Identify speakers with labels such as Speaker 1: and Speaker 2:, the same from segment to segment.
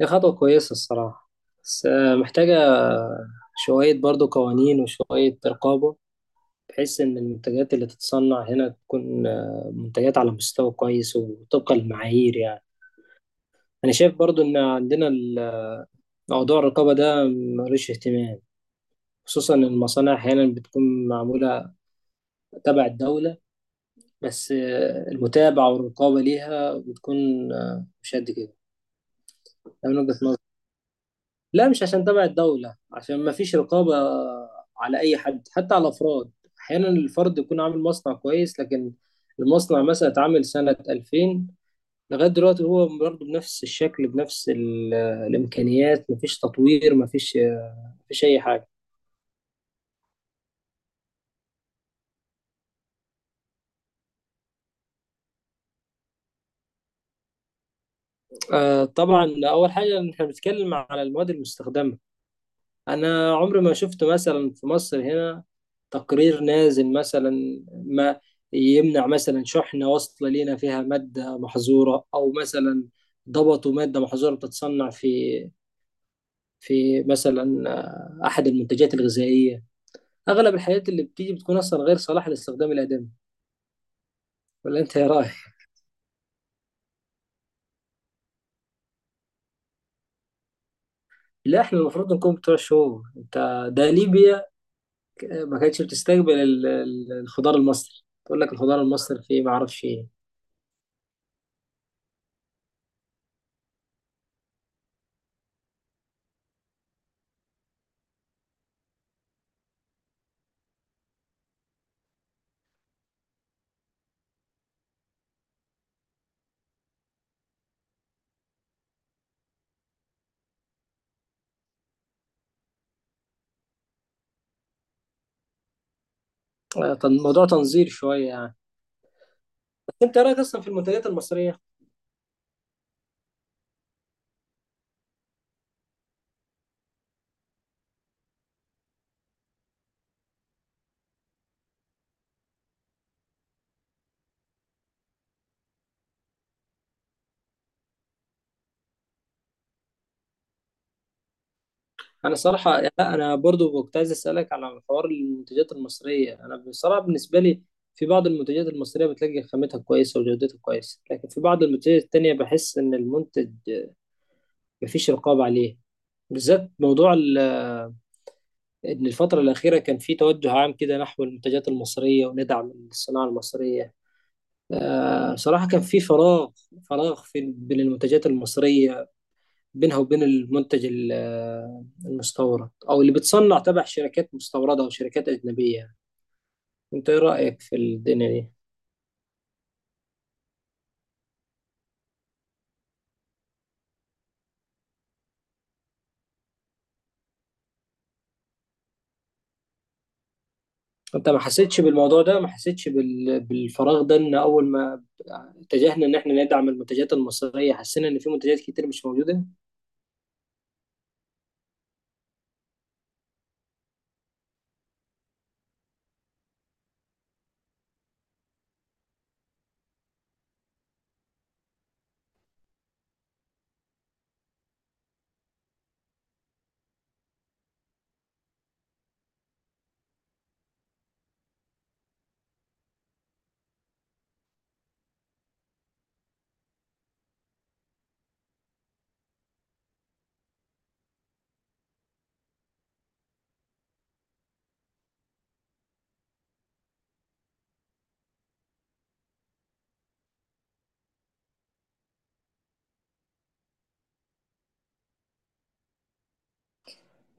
Speaker 1: هي خطوة كويسة الصراحة، بس محتاجة شوية برضو قوانين وشوية رقابة. بحيث إن المنتجات اللي تتصنع هنا تكون منتجات على مستوى كويس وطبقا للمعايير يعني. أنا شايف برضو إن عندنا موضوع الرقابة ده ملوش اهتمام، خصوصا إن المصانع أحيانا بتكون معمولة تبع الدولة، بس المتابعة والرقابة ليها بتكون مش قد كده. ده من وجهة نظري. لا، مش عشان تبع الدولة، عشان ما فيش رقابة على أي حد، حتى على الأفراد. أحيانا الفرد يكون عامل مصنع كويس، لكن المصنع مثلا اتعمل سنة 2000، لغاية دلوقتي هو برضه بنفس الشكل، بنفس الإمكانيات، مفيش تطوير، مفيش أي حاجة. طبعا، أول حاجة إن إحنا بنتكلم على المواد المستخدمة. انا عمري ما شفت مثلا في مصر هنا تقرير نازل مثلا ما يمنع مثلا شحنة واصلة لينا فيها مادة محظورة، او مثلا ضبطوا مادة محظورة بتتصنع في مثلا احد المنتجات الغذائية. اغلب الحاجات اللي بتيجي بتكون اصلا غير صالحة للاستخدام الآدمي. ولا انت يا راي؟ لا، احنا المفروض نكون بتوع الشهور. انت، ده ليبيا. ما كانتش بتستقبل الخضار المصري، تقول لك الخضار المصري فيه ما اعرفش ايه. طب الموضوع تنظير شوية يعني. بس انت رايك اصلا في المنتجات المصريه؟ انا صراحه يعني، لا انا برضو كنت عايز اسالك على حوار المنتجات المصريه. انا بصراحه بالنسبه لي، في بعض المنتجات المصريه بتلاقي خامتها كويسه وجودتها كويسه، لكن في بعض المنتجات التانية بحس ان المنتج مفيش رقابه عليه. بالذات موضوع ان الفتره الاخيره كان في توجه عام كده نحو المنتجات المصريه وندعم الصناعه المصريه. صراحه كان في فراغ، فراغ في بين المنتجات المصريه، بينها وبين المنتج المستورد او اللي بتصنع تبع شركات مستورده او شركات اجنبيه يعني. انت ايه رايك في الدنيا دي؟ انت ما حسيتش بالموضوع ده، ما حسيتش بالفراغ ده، ان اول ما اتجهنا ان احنا ندعم المنتجات المصريه حسينا ان في منتجات كتير مش موجوده.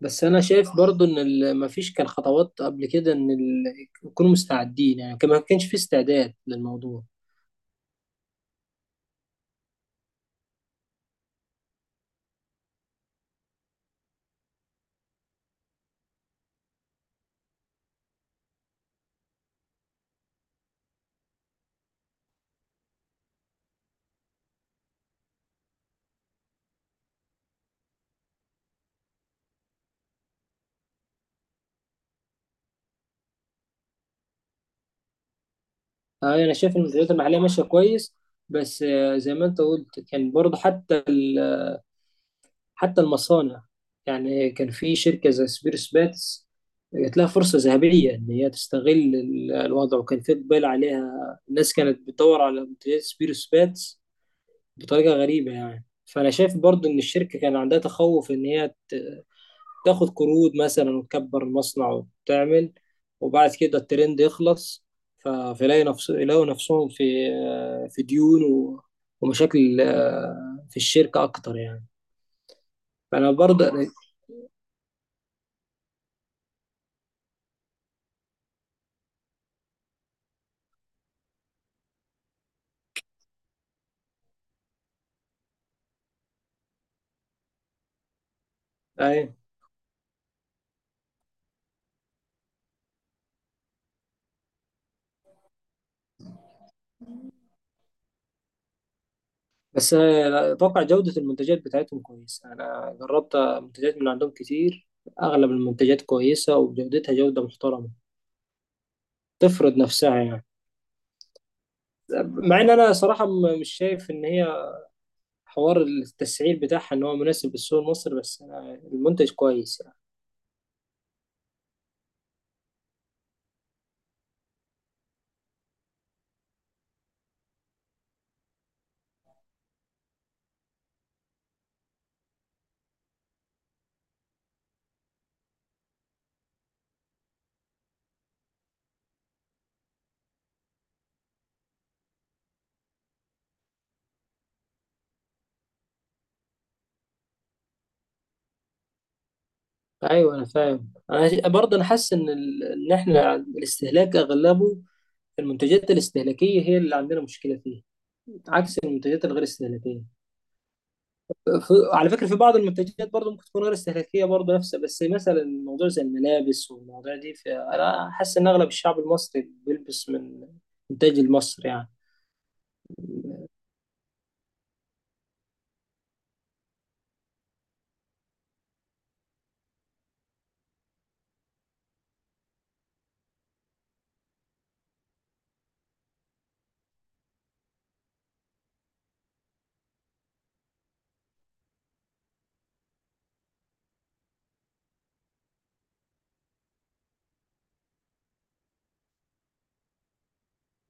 Speaker 1: بس انا شايف برضو ان ما فيش كان خطوات قبل كده ان يكونوا مستعدين يعني، ما كانش في استعداد للموضوع. انا شايف ان المنتجات المحليه ماشيه كويس. بس زي ما انت قلت، كان برضو حتى المصانع. يعني كان في شركة زي سبيرس باتس، جات لها فرصة ذهبية إن هي تستغل الوضع، وكان في إقبال عليها. الناس كانت بتدور على منتجات سبيرس باتس بطريقة غريبة يعني. فأنا شايف برضو إن الشركة كان عندها تخوف إن هي تاخد قروض مثلا وتكبر المصنع وتعمل، وبعد كده الترند يخلص، فيلاقي نفس يلاقوا نفسهم في ديون ومشاكل في الشركة أكتر يعني. فأنا برضه بس اتوقع جودة المنتجات بتاعتهم كويسة، انا جربت منتجات من عندهم كتير. اغلب المنتجات كويسة، وجودتها جودة محترمة تفرض نفسها يعني. مع ان انا صراحة مش شايف ان هي حوار التسعير بتاعها ان هو مناسب للسوق المصري، بس أنا المنتج كويس يعني. ايوه، انا فاهم. انا برضه انا حاسس ان ان احنا الاستهلاك اغلبه المنتجات الاستهلاكية هي اللي عندنا مشكلة فيها، عكس المنتجات الغير استهلاكية. على فكرة في بعض المنتجات برضه ممكن تكون غير استهلاكية برضه نفسها، بس مثلا موضوع زي الملابس والمواضيع دي، فأنا حاسس إن أغلب الشعب المصري بيلبس من إنتاج المصري يعني.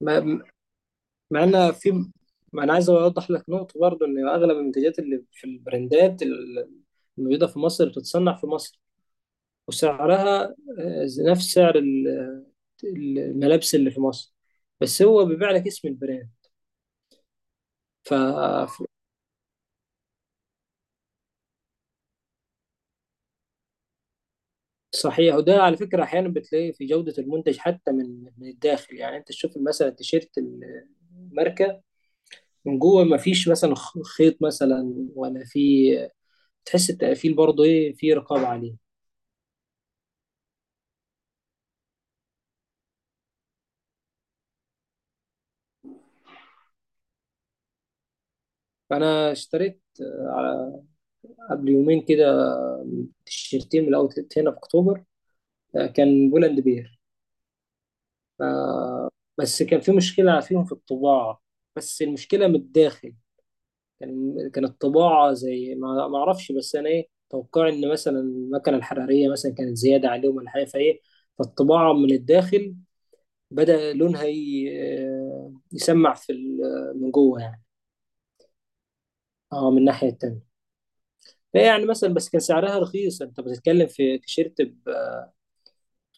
Speaker 1: ما- مع إن في ما أنا عايز أوضح لك نقطة برضه، إن أغلب المنتجات اللي في البراندات الموجودة في مصر بتتصنع في مصر، وسعرها نفس سعر الملابس اللي في مصر، بس هو بيبيع لك اسم البراند. ف... صحيح، وده على فكرة أحيانا بتلاقي في جودة المنتج حتى من الداخل يعني. أنت تشوف مثلا تيشيرت الماركة من جوه، ما فيش مثلا خيط مثلا، ولا في تحس التقفيل برضه إيه، في رقابة عليه. فأنا اشتريت قبل يومين كده تيشيرتين من الأوتلت هنا في أكتوبر. كان بولاند بير. آه، بس كان في مشكلة فيهم في الطباعة. بس المشكلة من الداخل، كان الطباعة زي ما أعرفش، بس أنا إيه توقعي إن مثلا المكنة الحرارية مثلا كانت زيادة عليهم ولا حاجة، فالطباعة من الداخل بدأ لونها يسمع من جوه يعني. أه، من الناحية التانية. فهي يعني مثلا، بس كان سعرها رخيص، أنت بتتكلم في تيشيرت ب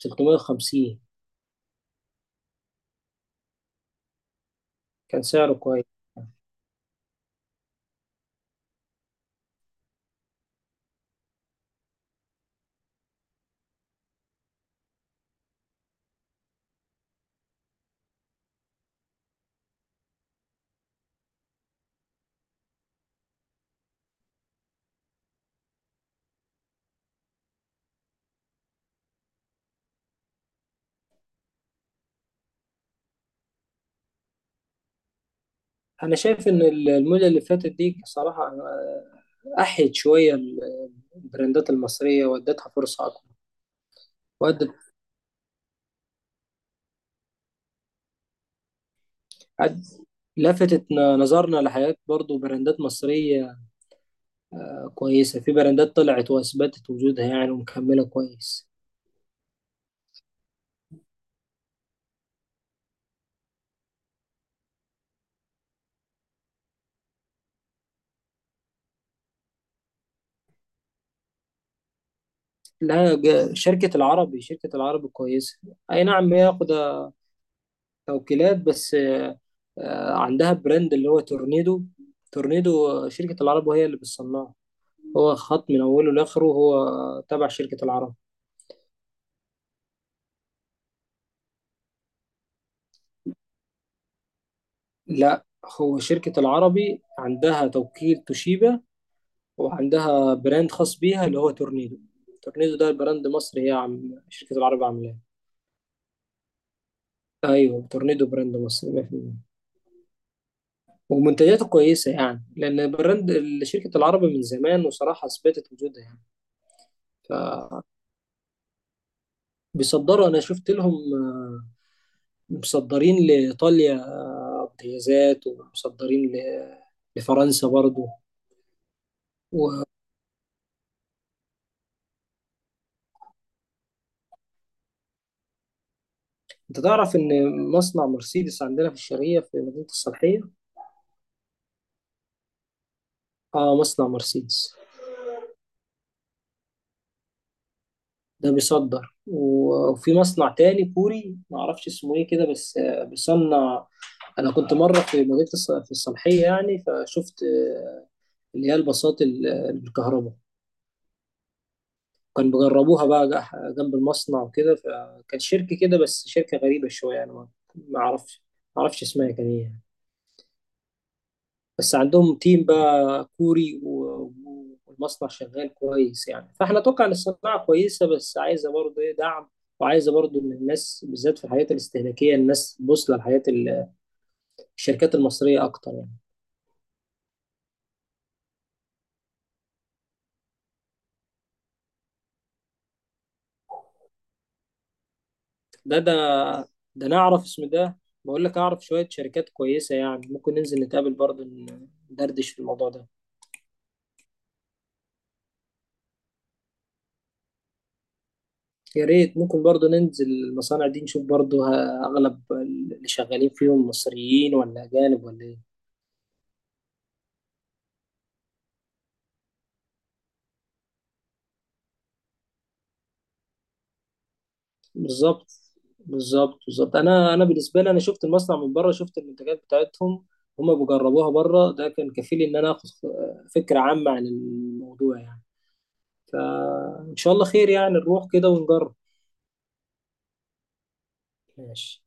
Speaker 1: 350. كان سعره كويس. أنا شايف إن المدة اللي فاتت دي صراحة أحيت شوية البراندات المصرية، وادتها فرصة أكبر. وادت عد- لفتت نظرنا لحاجات برضو، براندات مصرية كويسة. في براندات طلعت وأثبتت وجودها يعني، ومكملة كويس. لا، شركة العربي شركة العربي كويسة. أي نعم، هي واخدة توكيلات، بس عندها براند اللي هو تورنيدو. تورنيدو شركة العرب وهي اللي بتصنعه. هو خط من أوله لآخره، هو تبع شركة العرب. لا، هو شركة العربي عندها توكيل توشيبا وعندها براند خاص بيها اللي هو تورنيدو. تورنيدو ده براند مصري، هي عم شركة العرب عاملاه. ايوه، تورنيدو براند مصري 100%، ومنتجاته كويسة يعني، لان براند شركة العرب من زمان وصراحة اثبتت وجودها يعني. فبيصدروا. انا شفت لهم مصدرين لايطاليا امتيازات، ومصدرين لفرنسا برضو. وانت تعرف ان مصنع مرسيدس عندنا في الشرقية في مدينة الصالحية؟ اه، مصنع مرسيدس ده بيصدر. وفي مصنع تاني كوري ما اعرفش اسمه ايه كده، بس بيصنع. انا كنت مره في الصالحيه يعني، فشفت اللي هي الباصات بالكهرباء. كان بيجربوها بقى جنب المصنع وكده، فكان شركه كده، بس شركه غريبه شويه يعني، ما اعرفش، ما اعرفش اسمها كان ايه. بس عندهم تيم بقى كوري والمصنع شغال كويس يعني، فاحنا اتوقع ان الصناعه كويسه، بس عايزه برضه ايه دعم. وعايزه برضه ان الناس بالذات في الحاجات الاستهلاكيه، الناس تبص للحاجات الشركات المصريه اكتر يعني. ده ده ده انا اعرف اسم ده. بقول لك اعرف شويه شركات كويسه يعني، ممكن ننزل نتقابل برضه ندردش في الموضوع ده. يا ريت، ممكن برضه ننزل المصانع دي نشوف برضه اغلب اللي شغالين فيهم مصريين ولا اجانب ولا ايه. بالظبط، بالظبط، بالظبط. انا بالنسبه لي، انا شفت المصنع من بره، شفت المنتجات بتاعتهم، هما بيجربوها بره، ده كان كفيل ان انا اخد فكره عامه عن الموضوع يعني. فان شاء الله خير يعني، نروح كده ونجرب. ماشي.